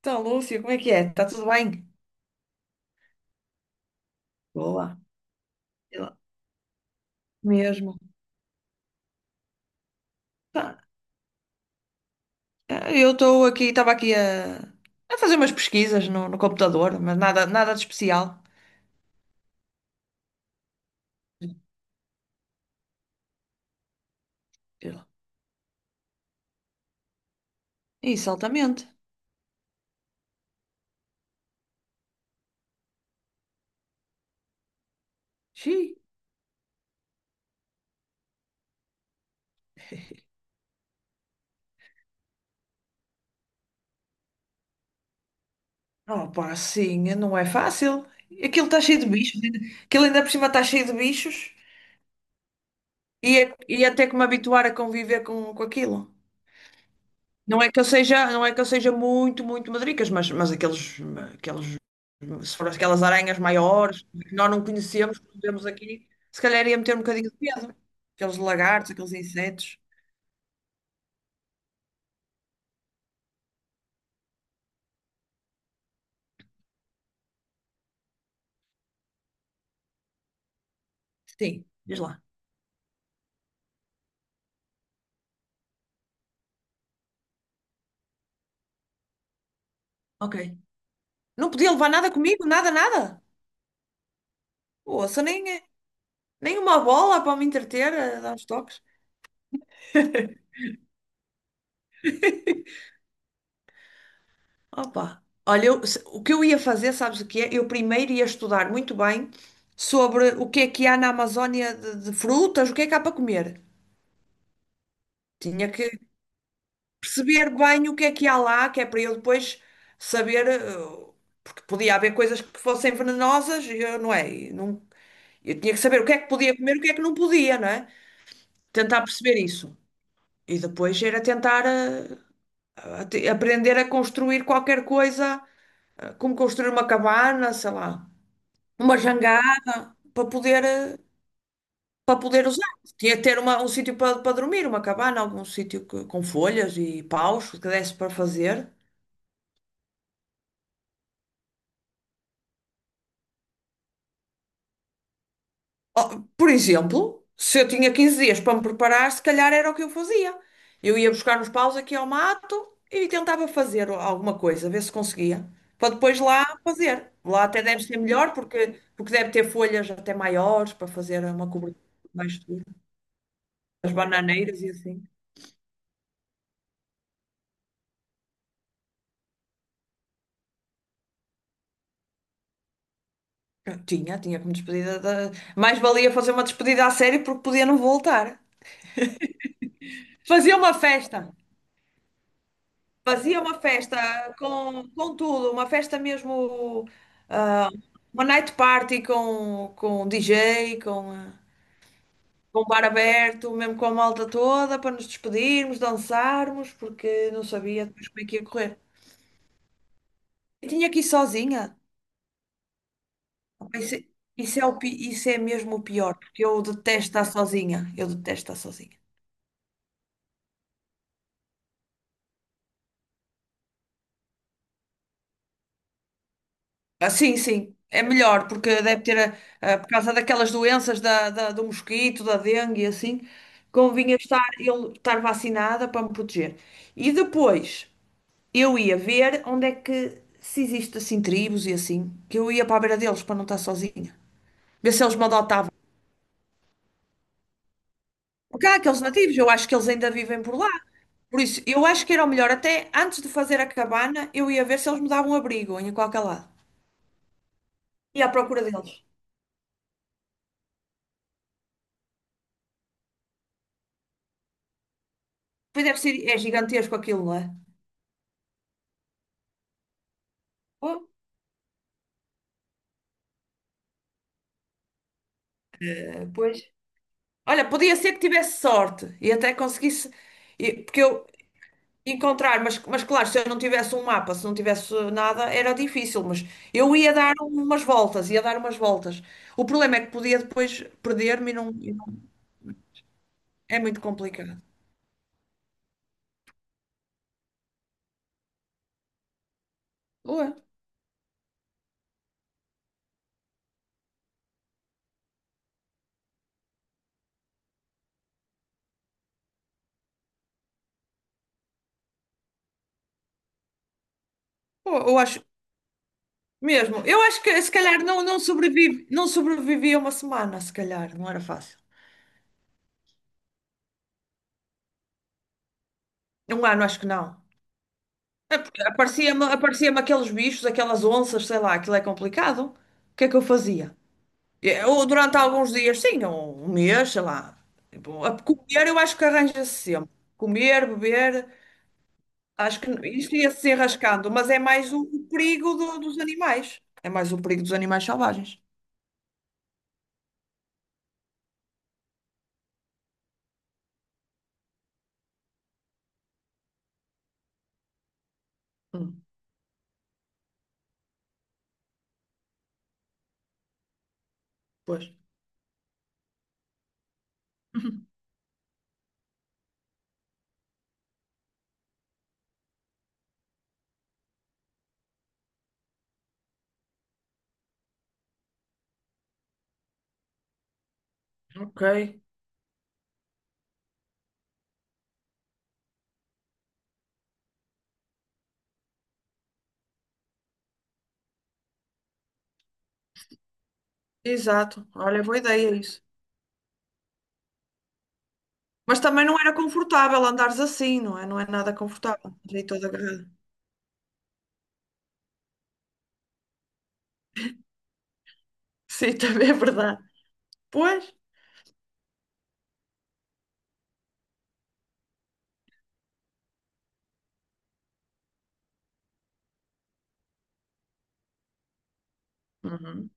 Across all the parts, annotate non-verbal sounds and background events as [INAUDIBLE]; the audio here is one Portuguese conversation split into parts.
Então, Lúcia, como é que é? Está tudo bem? Boa. Eu- Mesmo. Tá, Eu estou aqui, estava aqui a a, fazer umas pesquisas no computador, mas nada de especial. Eu- Isso, altamente. Xiii. Oh, pá, sim, não é fácil. Aquilo está cheio de bichos. Aquilo ainda por cima está cheio de bichos e e é até que me habituar a conviver com aquilo. Não é que eu seja, não é que eu seja muito, muito madricas, mas aqueles, se for aquelas aranhas maiores, que nós não conhecemos, que não vemos aqui, se calhar ia meter um bocadinho de peso. Aqueles lagartos, aqueles insetos. Sim, diz lá. Ok. Não podia levar nada comigo, nada, nada. Ouça, nem uma bola para me entreter, a dar uns toques. [LAUGHS] Opa, olha, o que eu ia fazer, sabes o que é? Eu primeiro ia estudar muito bem sobre o que é que há na Amazónia de frutas, o que é que há para comer. Tinha que perceber bem o que é que há lá, que é para eu depois saber, porque podia haver coisas que fossem venenosas, e eu não é, e não, eu tinha que saber o que é que podia comer, e o que é que não podia, não é? Tentar perceber isso. E depois era tentar aprender a construir qualquer coisa, como construir uma cabana, sei lá, uma jangada, para poder usar. Tinha que ter um sítio para dormir, uma cabana, algum sítio com folhas e paus que desse para fazer. Oh, por exemplo, se eu tinha 15 dias para me preparar, se calhar era o que eu fazia. Eu ia buscar uns paus aqui ao mato e tentava fazer alguma coisa, ver se conseguia, para depois lá fazer. Lá até deve ser melhor, porque deve ter folhas até maiores para fazer uma cobertura mais segura. As bananeiras e assim. Eu tinha, tinha como despedida. Mais valia fazer uma despedida a sério porque podia não voltar. Fazia uma festa. Fazia uma festa com tudo, uma festa mesmo, ah, uma night party com DJ, com, ah, com bar aberto, mesmo com a malta toda, para nos despedirmos, dançarmos, porque não sabia depois como é que ia correr. Eu tinha que ir sozinha. Opa, isso, é, isso é isso é mesmo o pior, porque eu detesto estar sozinha. Eu detesto estar sozinha. Ah, sim, sim, é melhor, porque deve ter, ah, ah, por causa daquelas doenças do mosquito, da dengue e assim, convinha estar, eu estar vacinada para me proteger. E depois eu ia ver onde é que, se existe assim tribos e assim, que eu ia para a beira deles para não estar sozinha, ver se eles me adotavam. Porque há aqueles nativos, eu acho que eles ainda vivem por lá. Por isso, eu acho que era o melhor, até antes de fazer a cabana, eu ia ver se eles me davam abrigo em qualquer lado. Ia à procura deles. Pois deve ser, é gigantesco aquilo, não é? Pô, pois. Olha, podia ser que tivesse sorte e até conseguisse, e- porque eu encontrar, mas claro, se eu não tivesse um mapa, se não tivesse nada, era difícil, mas eu ia dar umas voltas, ia dar umas voltas. O problema é que podia depois perder-me é muito complicado. Ué, pô, eu acho que se calhar não sobrevive, não sobrevivia uma semana, se calhar, não era fácil. Um ano, acho que não. É porque aparecia-me aqueles bichos, aquelas onças, sei lá, aquilo é complicado. O que é que eu fazia? Eu, durante alguns dias, sim, um mês, sei lá. Tipo, a comer eu acho que arranja-se sempre. Comer, beber, acho que isto ia-se enrascando, mas é mais o perigo dos animais. É mais o perigo dos animais selvagens. Hum, pois. [LAUGHS] Ok, exato. Olha, boa ideia isso. Mas também não era confortável andares assim, não é? Não é nada confortável. Ali toda agarrada. Sim, [LAUGHS] também é verdade. Pois. Uhum.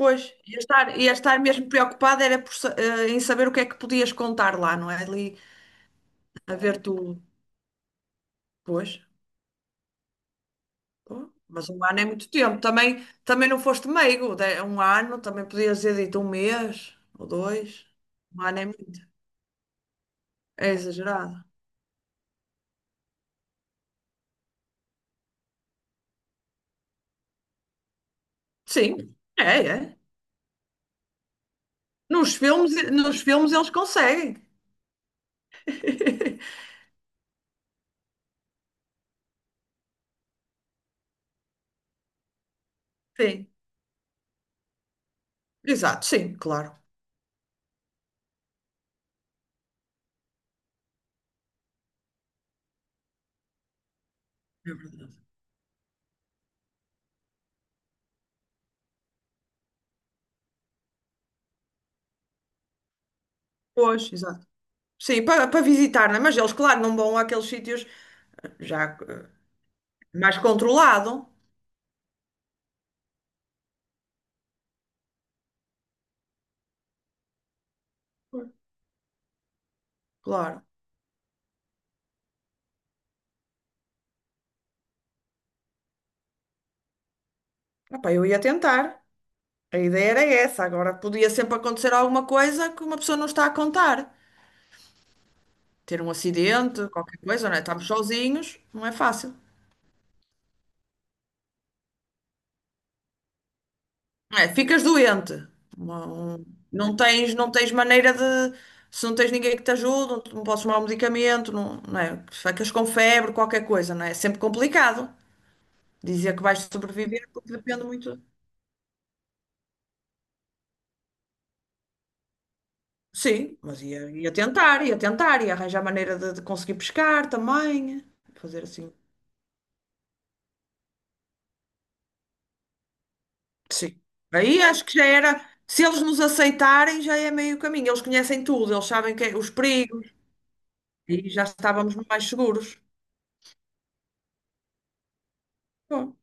Pois, ia estar mesmo preocupada era por em saber o que é que podias contar lá, não é? Ali a ver tu. Pois, pô, mas um ano é muito tempo. Também, também não foste meigo. Um ano também podias ter dito um mês ou dois. Um ano é muito. É exagerado. Sim, é, é. Nos filmes eles conseguem. [LAUGHS] Sim, exato, sim, claro. É verdade. Pois, exato. Sim, para visitar, não é? Mas eles, claro, não vão àqueles sítios já. Mais controlado, claro. Epá, eu ia tentar. A ideia era essa. Agora podia sempre acontecer alguma coisa que uma pessoa não está a contar. Ter um acidente, qualquer coisa, não é? Estamos sozinhos, não é fácil. É, ficas doente. Uma- um- Não tens, não tens maneira de. Se não tens ninguém que te ajude, não podes tomar um medicamento, não, não é? Ficas com febre, qualquer coisa, não é? É sempre complicado dizer que vais sobreviver, porque depende muito. Sim, mas ia tentar, ia tentar, ia arranjar maneira de conseguir pescar também. Fazer assim. Sim. Aí acho que já era. Se eles nos aceitarem, já é meio caminho. Eles conhecem tudo, eles sabem que os perigos e já estávamos mais seguros. Bom,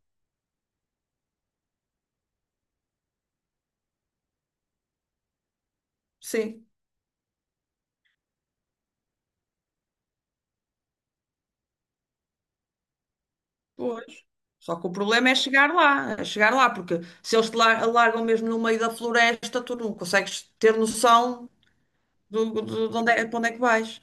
sim, pois. Só que o problema é chegar lá, porque se eles te largam mesmo no meio da floresta, tu não consegues ter noção de onde é, para onde é que vais.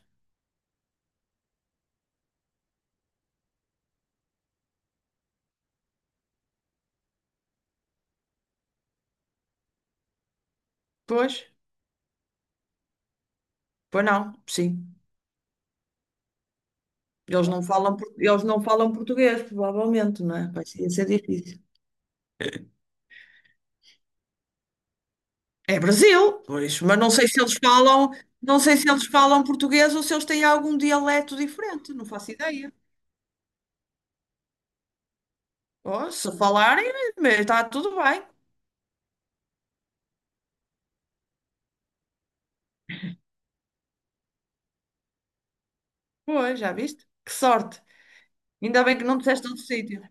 Pois, pois não, sim. Eles não falam, eles não falam português, provavelmente, não é? Vai ser ia ser difícil. É Brasil, pois, mas não sei se eles falam, não sei se eles falam português ou se eles têm algum dialeto diferente, não faço ideia. Oh, se falarem, está tudo bem. Pois, já viste? Que sorte. Ainda bem que não disseste outro sítio.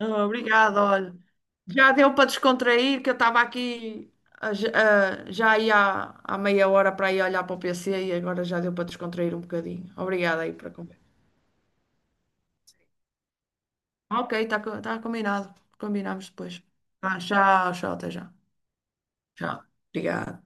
Oh, obrigada, olha. Já deu para descontrair, que eu estava aqui, já aí há meia hora para ir olhar para o PC e agora já deu para descontrair um bocadinho. Obrigada aí para Ok, está tá combinado. Combinamos depois. Ah, tchau, tchau, até já. Tchau. Obrigada.